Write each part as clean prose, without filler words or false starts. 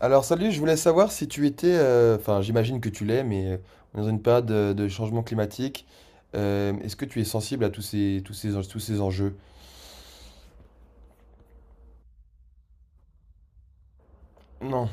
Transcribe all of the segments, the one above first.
Alors salut, je voulais savoir si tu étais, enfin j'imagine que tu l'es, mais on est dans une période de changement climatique. Est-ce que tu es sensible à tous ces enjeux? Non.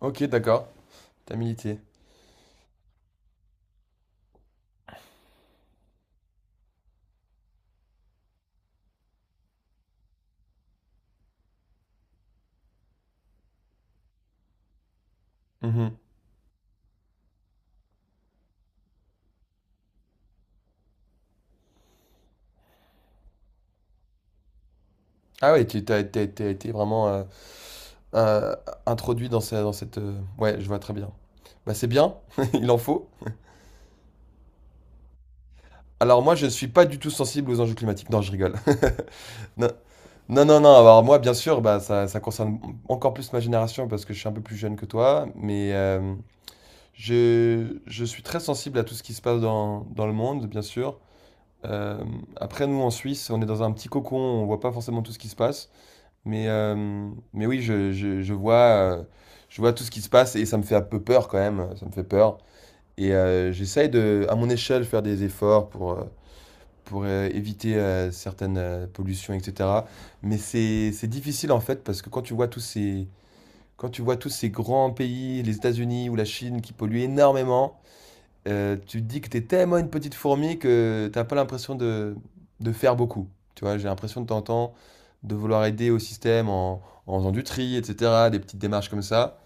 Ok, d'accord. T'as milité. Mhm. Ah ouais, t'as été vraiment euh, introduit dans, dans cette... ouais, je vois très bien. Bah c'est bien, il en faut. Alors moi, je ne suis pas du tout sensible aux enjeux climatiques. Non, je rigole. Non, non, non, non, alors moi, bien sûr, bah, ça concerne encore plus ma génération parce que je suis un peu plus jeune que toi, mais je suis très sensible à tout ce qui se passe dans, dans le monde, bien sûr. Euh, Après, nous, en Suisse, on est dans un petit cocon, on voit pas forcément tout ce qui se passe, mais oui, euh, je vois tout ce qui se passe et ça me fait un peu peur quand même, ça me fait peur. Et j'essaye de, à mon échelle, faire des efforts pour, éviter certaines pollutions, etc. Mais c'est difficile en fait parce que quand tu vois tous ces grands pays, les États-Unis ou la Chine qui polluent énormément, tu te dis que tu es tellement une petite fourmi que t'as pas l'impression de faire beaucoup. Tu vois, j'ai l'impression de t'entendre de vouloir aider au système en faisant du tri, etc., des petites démarches comme ça.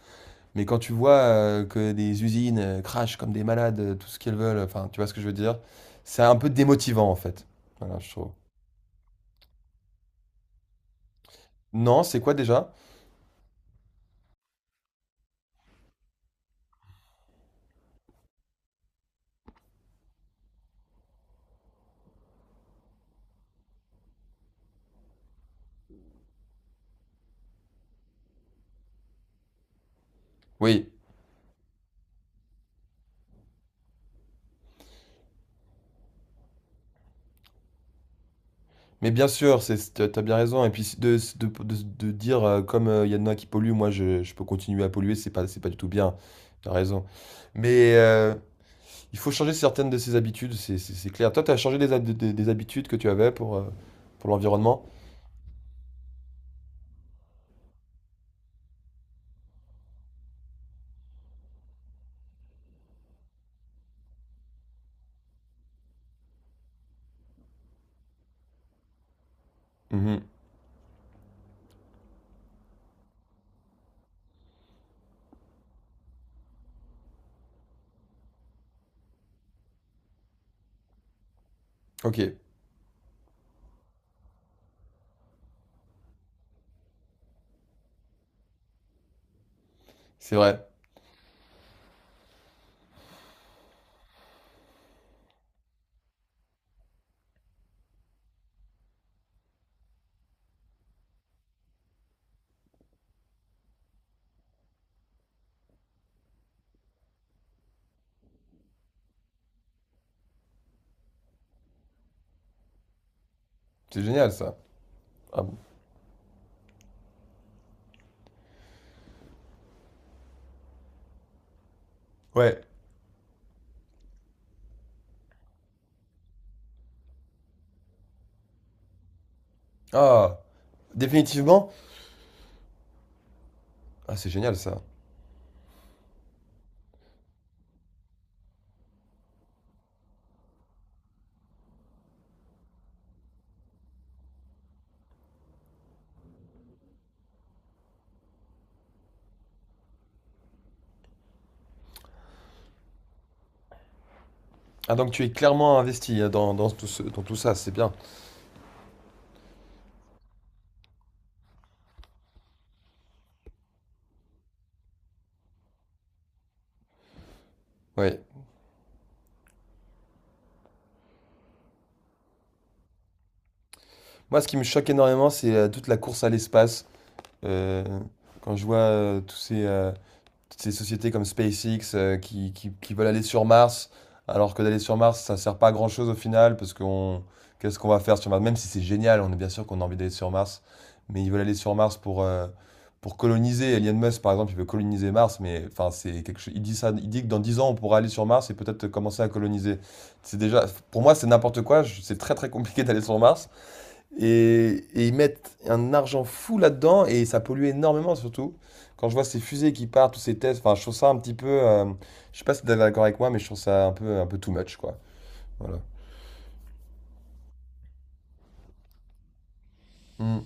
Mais quand tu vois que des usines crachent comme des malades tout ce qu'elles veulent, enfin, tu vois ce que je veux dire, c'est un peu démotivant en fait. Voilà, je trouve. Non, c'est quoi déjà? Oui, mais bien sûr, t'as bien raison. Et puis de dire, comme il y en a qui polluent, moi je peux continuer à polluer, c'est pas du tout bien. T'as raison. Mais il faut changer certaines de ses habitudes, c'est clair. Toi, t'as changé des, des habitudes que tu avais pour l'environnement? Mhm. Ok, c'est vrai. C'est génial ça. Ah bon. Ouais. Ah, définitivement? Ah, c'est génial ça. Ah, donc tu es clairement investi hein, dans, dans tout dans tout ça, c'est bien. Ouais. Moi, ce qui me choque énormément, c'est toute la course à l'espace. Euh, Quand je vois toutes ces sociétés comme SpaceX qui veulent aller sur Mars, alors que d'aller sur Mars, ça ne sert pas à grand-chose au final, qu'est-ce qu'on va faire sur Mars? Même si c'est génial, on est bien sûr qu'on a envie d'aller sur Mars, mais ils veulent aller sur Mars pour coloniser. Elon Musk, par exemple, il veut coloniser Mars, mais enfin, c'est quelque chose. Il dit ça, il dit que dans 10 ans, on pourra aller sur Mars et peut-être commencer à coloniser. C'est déjà, pour moi, c'est n'importe quoi. C'est très très compliqué d'aller sur Mars. Et ils mettent un argent fou là-dedans et ça pollue énormément surtout. Quand je vois ces fusées qui partent, tous ces tests, enfin, je trouve ça un petit peu. Je sais pas si t'es d'accord avec moi, mais je trouve ça un peu too much, quoi. Voilà. Mm.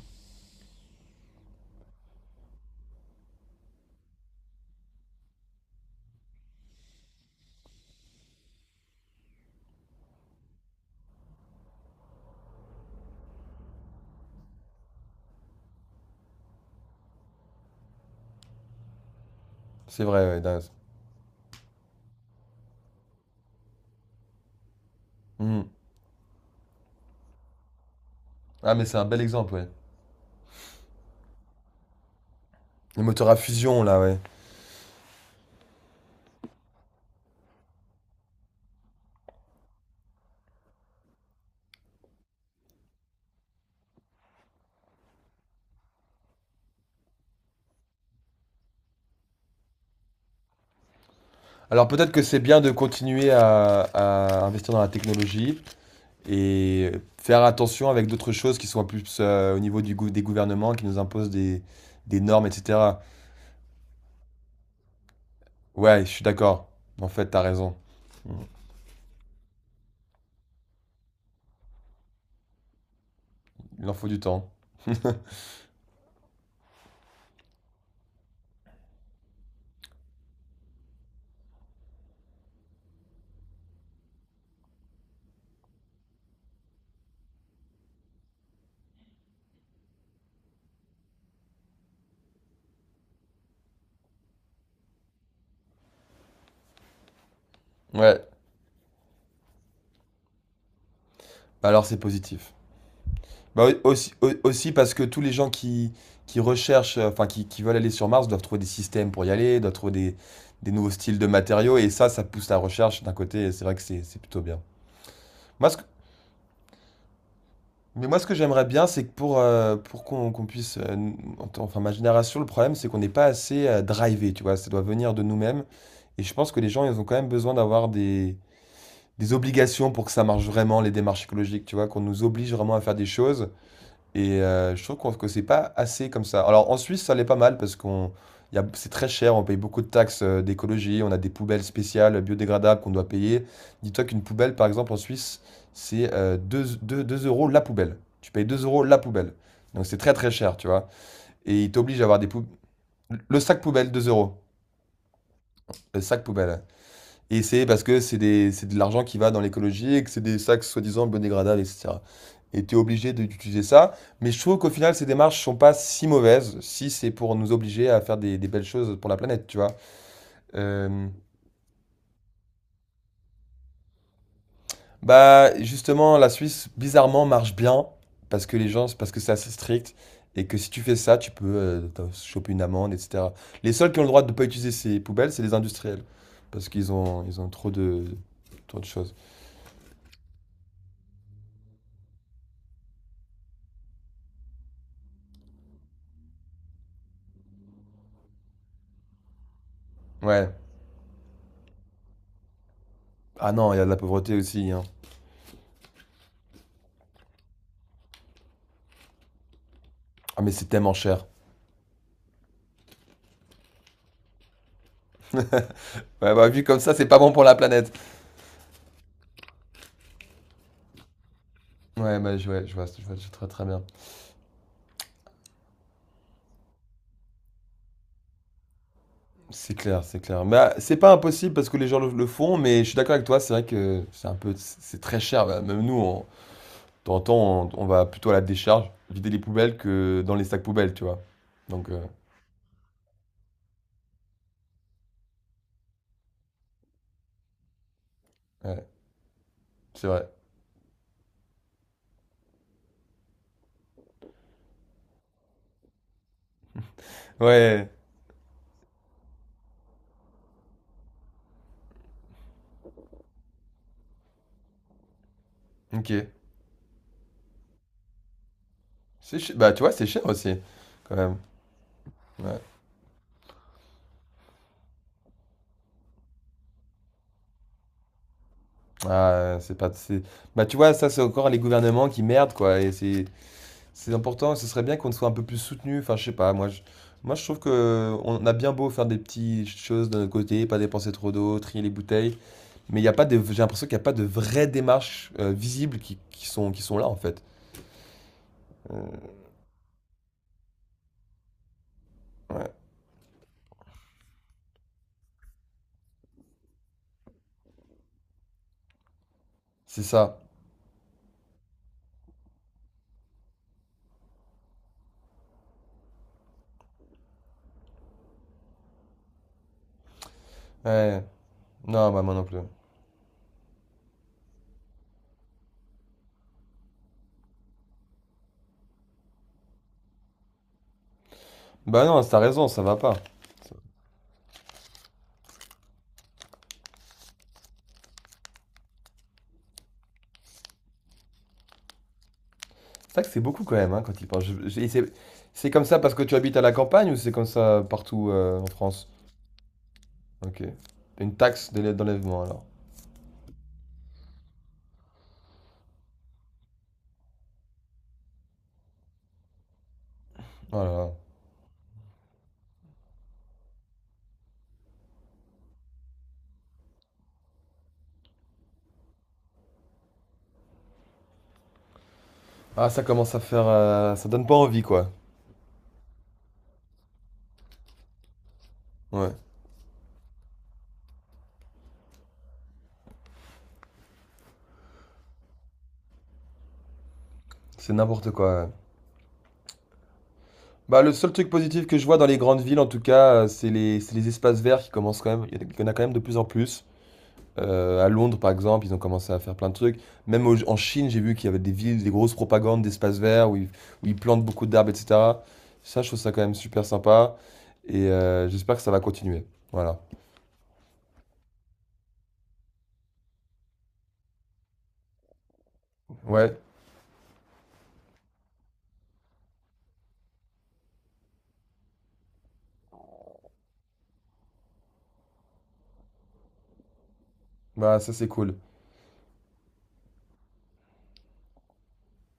C'est vrai, ouais, Daz. Mm. Ah, mais c'est un bel exemple, ouais. Les moteurs à fusion, là, ouais. Alors peut-être que c'est bien de continuer à investir dans la technologie et faire attention avec d'autres choses qui sont plus au niveau des gouvernements qui nous imposent des normes, etc. Ouais, je suis d'accord. En fait, t'as raison. Mm. Il en faut du temps. Ouais, bah alors c'est positif. Bah oui, aussi parce que tous les gens qui recherchent, enfin qui veulent aller sur Mars doivent trouver des systèmes pour y aller, doivent trouver des nouveaux styles de matériaux, et ça pousse la recherche d'un côté, et c'est vrai que c'est plutôt bien. Moi, ce que- mais moi, ce que j'aimerais bien, c'est que pour qu'on puisse, enfin ma génération, le problème, c'est qu'on n'est pas assez drivé, tu vois, ça doit venir de nous-mêmes, et je pense que les gens, ils ont quand même besoin d'avoir des obligations pour que ça marche vraiment, les démarches écologiques, tu vois, qu'on nous oblige vraiment à faire des choses. Et je trouve que c'est pas assez comme ça. Alors en Suisse, ça l'est pas mal c'est très cher, on paye beaucoup de taxes d'écologie, on a des poubelles spéciales biodégradables qu'on doit payer. Dis-toi qu'une poubelle, par exemple, en Suisse, c'est 2, 2 euros la poubelle. Tu payes 2 euros la poubelle. Donc c'est très très cher, tu vois. Et ils t'obligent à avoir des poubelles. Le sac poubelle, 2 euros. Le sac poubelle. Et c'est parce que c'est de l'argent qui va dans l'écologie et que c'est des sacs soi-disant biodégradables, etc. Et tu es obligé d'utiliser ça. Mais je trouve qu'au final, ces démarches sont pas si mauvaises si c'est pour nous obliger à faire des belles choses pour la planète, tu vois. Euh, Bah, justement, la Suisse, bizarrement, marche bien parce que c'est assez strict et que si tu fais ça, tu peux t'en choper une amende, etc. Les seuls qui ont le droit de ne pas utiliser ces poubelles, c'est les industriels parce ils ont trop trop de choses. Ouais. Ah non, il y a de la pauvreté aussi, hein. Ah mais c'est tellement cher. Ouais, bah, vu comme ça, c'est pas bon pour la planète. Ouais, bah, ouais, je vois je très très bien. C'est clair, c'est clair. Mais ah, c'est pas impossible parce que les gens le font, mais je suis d'accord avec toi, c'est vrai que c'est un peu, c'est très cher. Bah, même nous, de temps en temps, on va plutôt à la décharge, vider les poubelles que dans les sacs poubelles, tu vois. Donc, ouais, c'est vrai. Ouais, ok. Bah, tu vois, c'est cher aussi, quand même. Ouais. Ah, c'est pas, c'est- bah, tu vois, ça, c'est encore les gouvernements qui merdent, quoi. C'est important, ce serait bien qu'on soit un peu plus soutenu. Enfin, je sais pas, moi, je trouve que on a bien beau faire des petites choses de notre côté, pas dépenser trop d'eau, trier les bouteilles, mais il y a pas de, j'ai l'impression qu'il n'y a pas de vraies démarches visibles qui sont là en fait. Euh, ouais, c'est ça. Ouais, non, bah, moi non plus. Bah non, t'as raison, ça va pas. C'est vrai que c'est beaucoup quand même hein, quand il pense. C'est comme ça parce que tu habites à la campagne ou c'est comme ça partout en France? Ok. Une taxe d'enlèvement alors. Voilà. Ah, ça commence à faire. Ça donne pas envie, quoi. Ouais, c'est n'importe quoi, ouais. Bah, le seul truc positif que je vois dans les grandes villes, en tout cas, c'est les espaces verts qui commencent quand même. Il y en a quand même de plus en plus. À Londres, par exemple, ils ont commencé à faire plein de trucs. Même en Chine, j'ai vu qu'il y avait des villes, des grosses propagandes d'espaces verts où ils plantent beaucoup d'arbres, etc. Ça, je trouve ça quand même super sympa. Et j'espère que ça va continuer. Voilà. Ouais, bah, ça, c'est cool.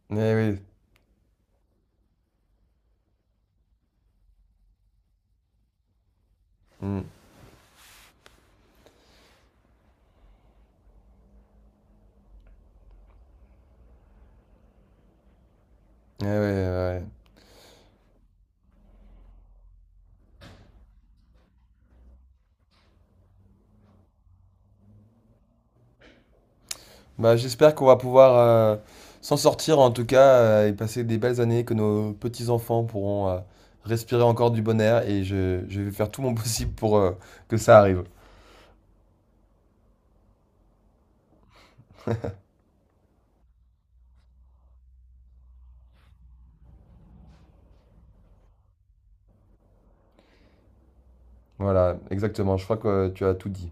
Eh oui. Mm. Eh oui, ouais, ouais. Bah, j'espère qu'on va pouvoir s'en sortir en tout cas et passer des belles années, que nos petits-enfants pourront respirer encore du bon air et je vais faire tout mon possible pour que ça arrive. Voilà, exactement, je crois que tu as tout dit.